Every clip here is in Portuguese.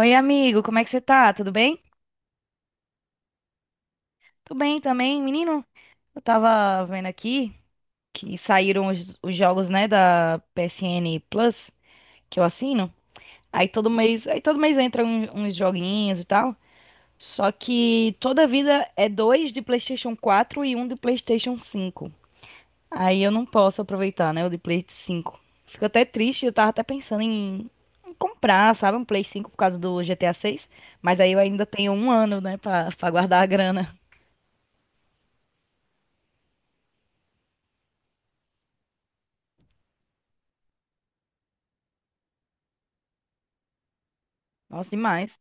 Oi, amigo, como é que você tá? Tudo bem? Tudo bem também, menino. Eu tava vendo aqui que saíram os jogos, né, da PSN Plus, que eu assino. Aí todo mês entram uns joguinhos e tal. Só que toda vida é dois de PlayStation 4 e um de PlayStation 5. Aí eu não posso aproveitar, né, o de Play 5. Fico até triste, eu tava até pensando em comprar, sabe, um Play 5 por causa do GTA 6, mas aí eu ainda tenho um ano, né, pra guardar a grana. Nossa, demais.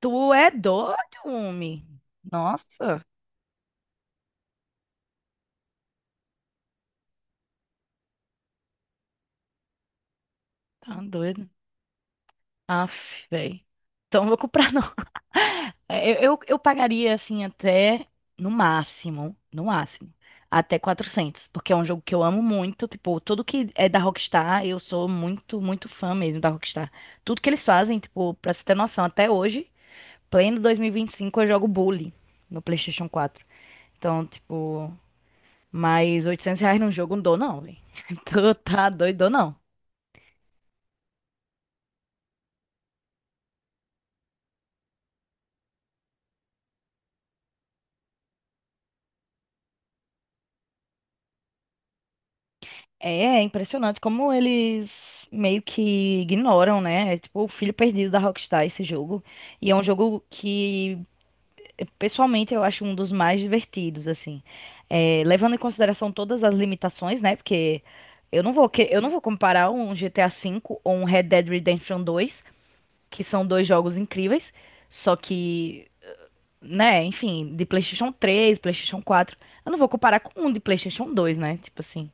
Tu é doido, homem. Nossa, tá doido. Aff, velho. Então não vou comprar, não. Eu pagaria, assim, até no máximo, no máximo, até 400, porque é um jogo que eu amo muito. Tipo, tudo que é da Rockstar, eu sou muito, muito fã mesmo da Rockstar. Tudo que eles fazem, tipo, pra você ter noção, até hoje, pleno 2025 eu jogo Bully no PlayStation 4. Então, tipo. Mas R$ 800 num jogo não dou, não, velho. Tu tá doido, dou não. É impressionante como eles meio que ignoram, né? É tipo o filho perdido da Rockstar esse jogo. E é um jogo que, pessoalmente, eu acho um dos mais divertidos, assim. É, levando em consideração todas as limitações, né? Porque eu não vou comparar um GTA V ou um Red Dead Redemption 2, que são dois jogos incríveis, só que né? Enfim, de PlayStation 3, PlayStation 4, eu não vou comparar com um de PlayStation 2, né? Tipo assim,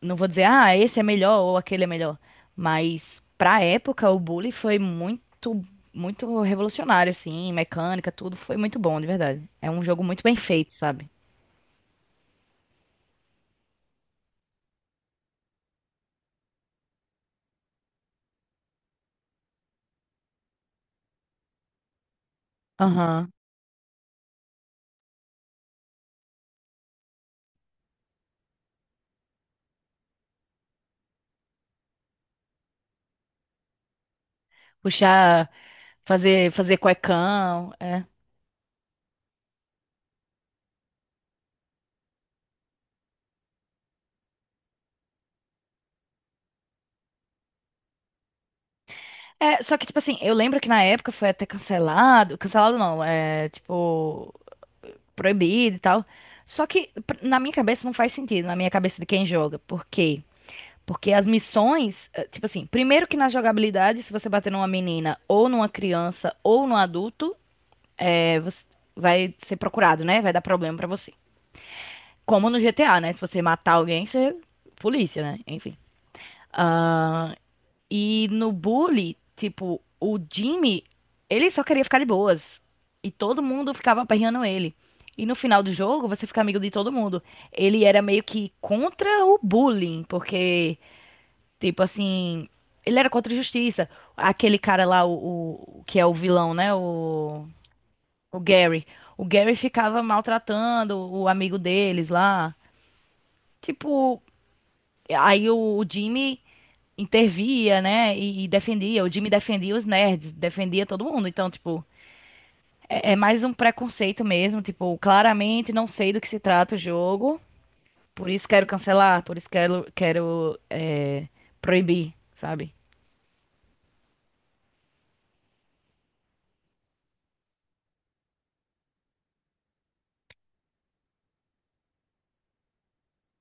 não vou dizer, ah, esse é melhor ou aquele é melhor. Mas pra época, o Bully foi muito, muito revolucionário, assim, mecânica, tudo. Foi muito bom, de verdade. É um jogo muito bem feito, sabe? Aham. Puxar, fazer cuecão, é. É, só que, tipo assim, eu lembro que na época foi até cancelado. Cancelado não, é, tipo proibido e tal. Só que na minha cabeça não faz sentido, na minha cabeça de quem joga. Por quê? Porque as missões, tipo assim, primeiro que na jogabilidade, se você bater numa menina ou numa criança ou num adulto, você vai ser procurado, né? Vai dar problema pra você. Como no GTA, né? Se você matar alguém, você é polícia, né? Enfim. Ah, e no bully, tipo, o Jimmy, ele só queria ficar de boas. E todo mundo ficava aperreando ele. E no final do jogo, você fica amigo de todo mundo. Ele era meio que contra o bullying, porque, tipo assim, ele era contra a justiça. Aquele cara lá, que é o vilão, né? O Gary. O Gary ficava maltratando o amigo deles lá. Tipo, aí o Jimmy intervia, né? E defendia. O Jimmy defendia os nerds, defendia todo mundo. Então, tipo, é mais um preconceito mesmo. Tipo, claramente não sei do que se trata o jogo. Por isso quero cancelar, por isso quero é, proibir, sabe?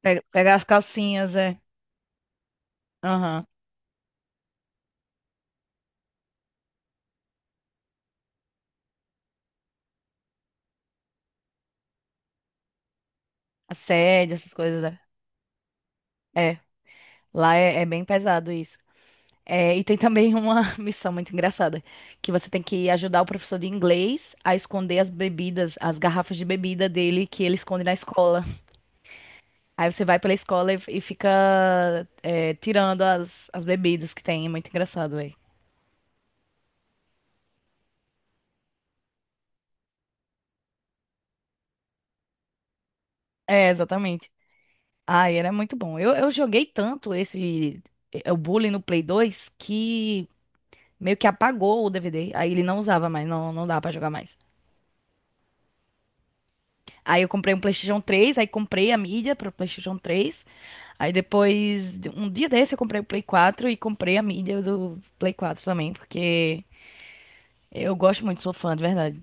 Pegar as calcinhas, é. Aham. Assédio, essas coisas, é. É. Lá é bem pesado isso. É, e tem também uma missão muito engraçada, que você tem que ajudar o professor de inglês a esconder as bebidas, as garrafas de bebida dele que ele esconde na escola. Aí você vai pela escola e fica tirando as bebidas que tem. É muito engraçado, velho. É, exatamente. Ah, era muito bom. Eu joguei tanto esse o Bully no Play 2 que meio que apagou o DVD. Aí ele não usava mais, não, não dá pra jogar mais. Aí eu comprei um PlayStation 3, aí comprei a mídia pro PlayStation 3. Aí depois, um dia desse eu comprei o Play 4 e comprei a mídia do Play 4 também, porque eu gosto muito, sou fã, de verdade.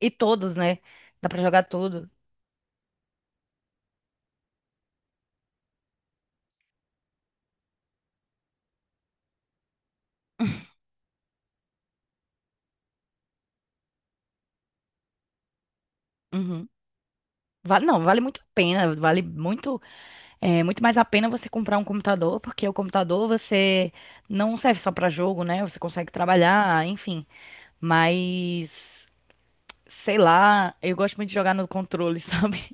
E todos, né? Dá pra jogar tudo. Uhum. Vale, não, vale muito a pena, vale muito, muito mais a pena você comprar um computador, porque o computador você não serve só pra jogo, né? Você consegue trabalhar, enfim. Mas, sei lá, eu gosto muito de jogar no controle, sabe?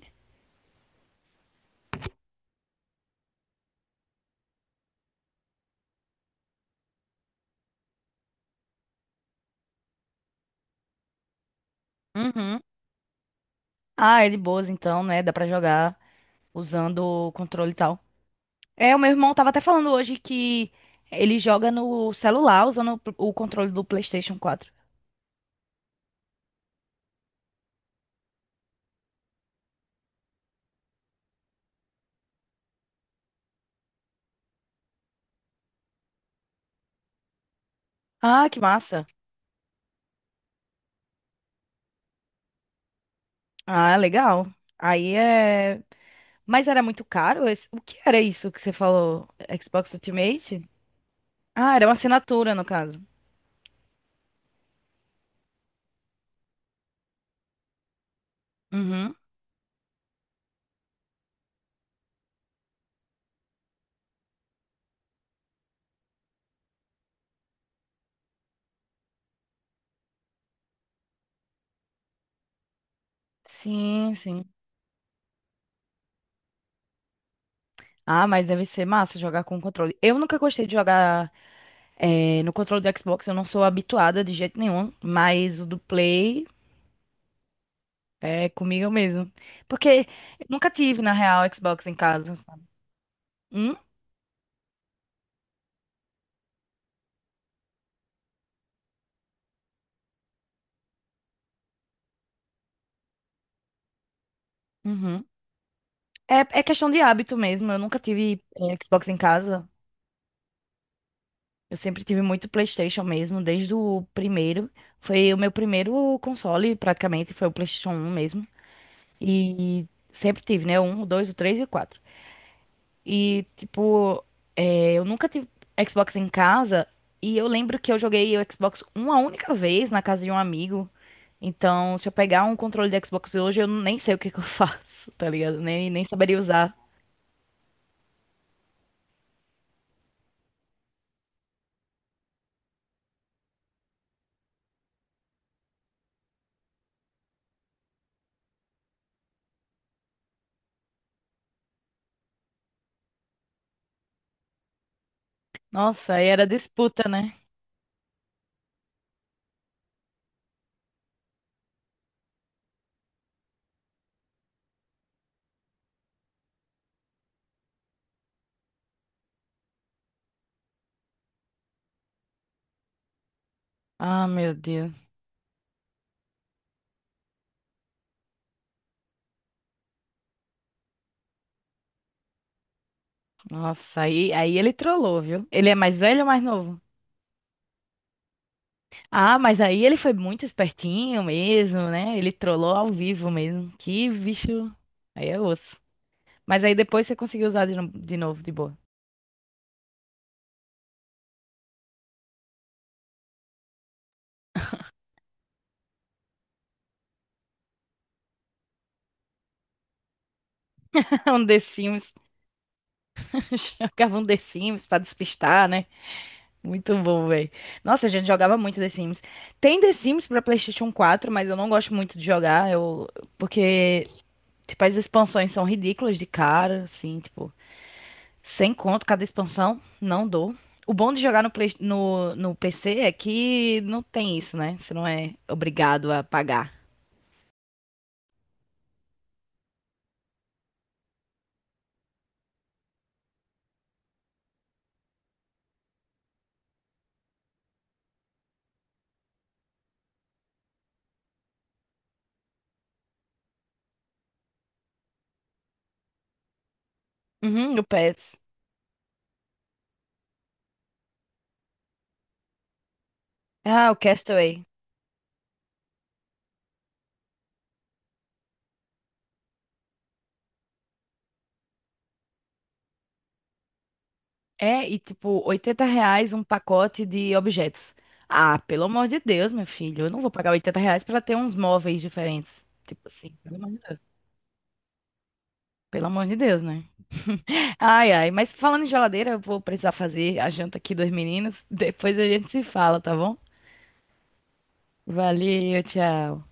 Uhum. Ah, é de boas então, né? Dá pra jogar usando o controle e tal. É, o meu irmão tava até falando hoje que ele joga no celular usando o controle do PlayStation 4. Ah, que massa. Ah, legal. Aí é. Mas era muito caro? O que era isso que você falou? Xbox Ultimate? Ah, era uma assinatura, no caso. Uhum. Sim, sim. Ah, mas deve ser massa jogar com controle. Eu nunca gostei de jogar no controle do Xbox, eu não sou habituada de jeito nenhum, mas o do Play é comigo mesmo. Porque eu nunca tive, na real, Xbox em casa, sabe? Hum? Uhum. É questão de hábito mesmo. Eu nunca tive Xbox em casa. Eu sempre tive muito PlayStation mesmo, desde o primeiro. Foi o meu primeiro console, praticamente, foi o PlayStation 1 mesmo. E sempre tive, né? O 1, o 2, o 3 e o 4. E, tipo, eu nunca tive Xbox em casa. E eu lembro que eu joguei o Xbox uma única vez na casa de um amigo. Então, se eu pegar um controle de Xbox hoje, eu nem sei o que que eu faço, tá ligado? Nem, nem saberia usar. Nossa, aí era disputa, né? Ah, meu Deus. Nossa, aí ele trollou, viu? Ele é mais velho ou mais novo? Ah, mas aí ele foi muito espertinho mesmo, né? Ele trollou ao vivo mesmo. Que bicho. Aí é osso. Mas aí depois você conseguiu usar de, no- de novo, de boa. É um The Sims. Jogava um The Sims pra despistar, né? Muito bom, velho. Nossa, a gente jogava muito The Sims. Tem The Sims pra PlayStation 4, mas eu não gosto muito de jogar. Eu. Porque, tipo, as expansões são ridículas de cara, assim, tipo, sem conto cada expansão. Não dou. O bom de jogar no PC é que não tem isso, né? Você não é obrigado a pagar. Uhum, o PES. Ah, o Castaway. É, e tipo, R$ 80 um pacote de objetos. Ah, pelo amor de Deus, meu filho, eu não vou pagar R$ 80 pra ter uns móveis diferentes. Tipo assim, pelo amor de Deus. Pelo amor de Deus, né? Ai, ai, mas falando em geladeira, eu vou precisar fazer a janta aqui dos meninos. Depois a gente se fala, tá bom? Valeu, tchau.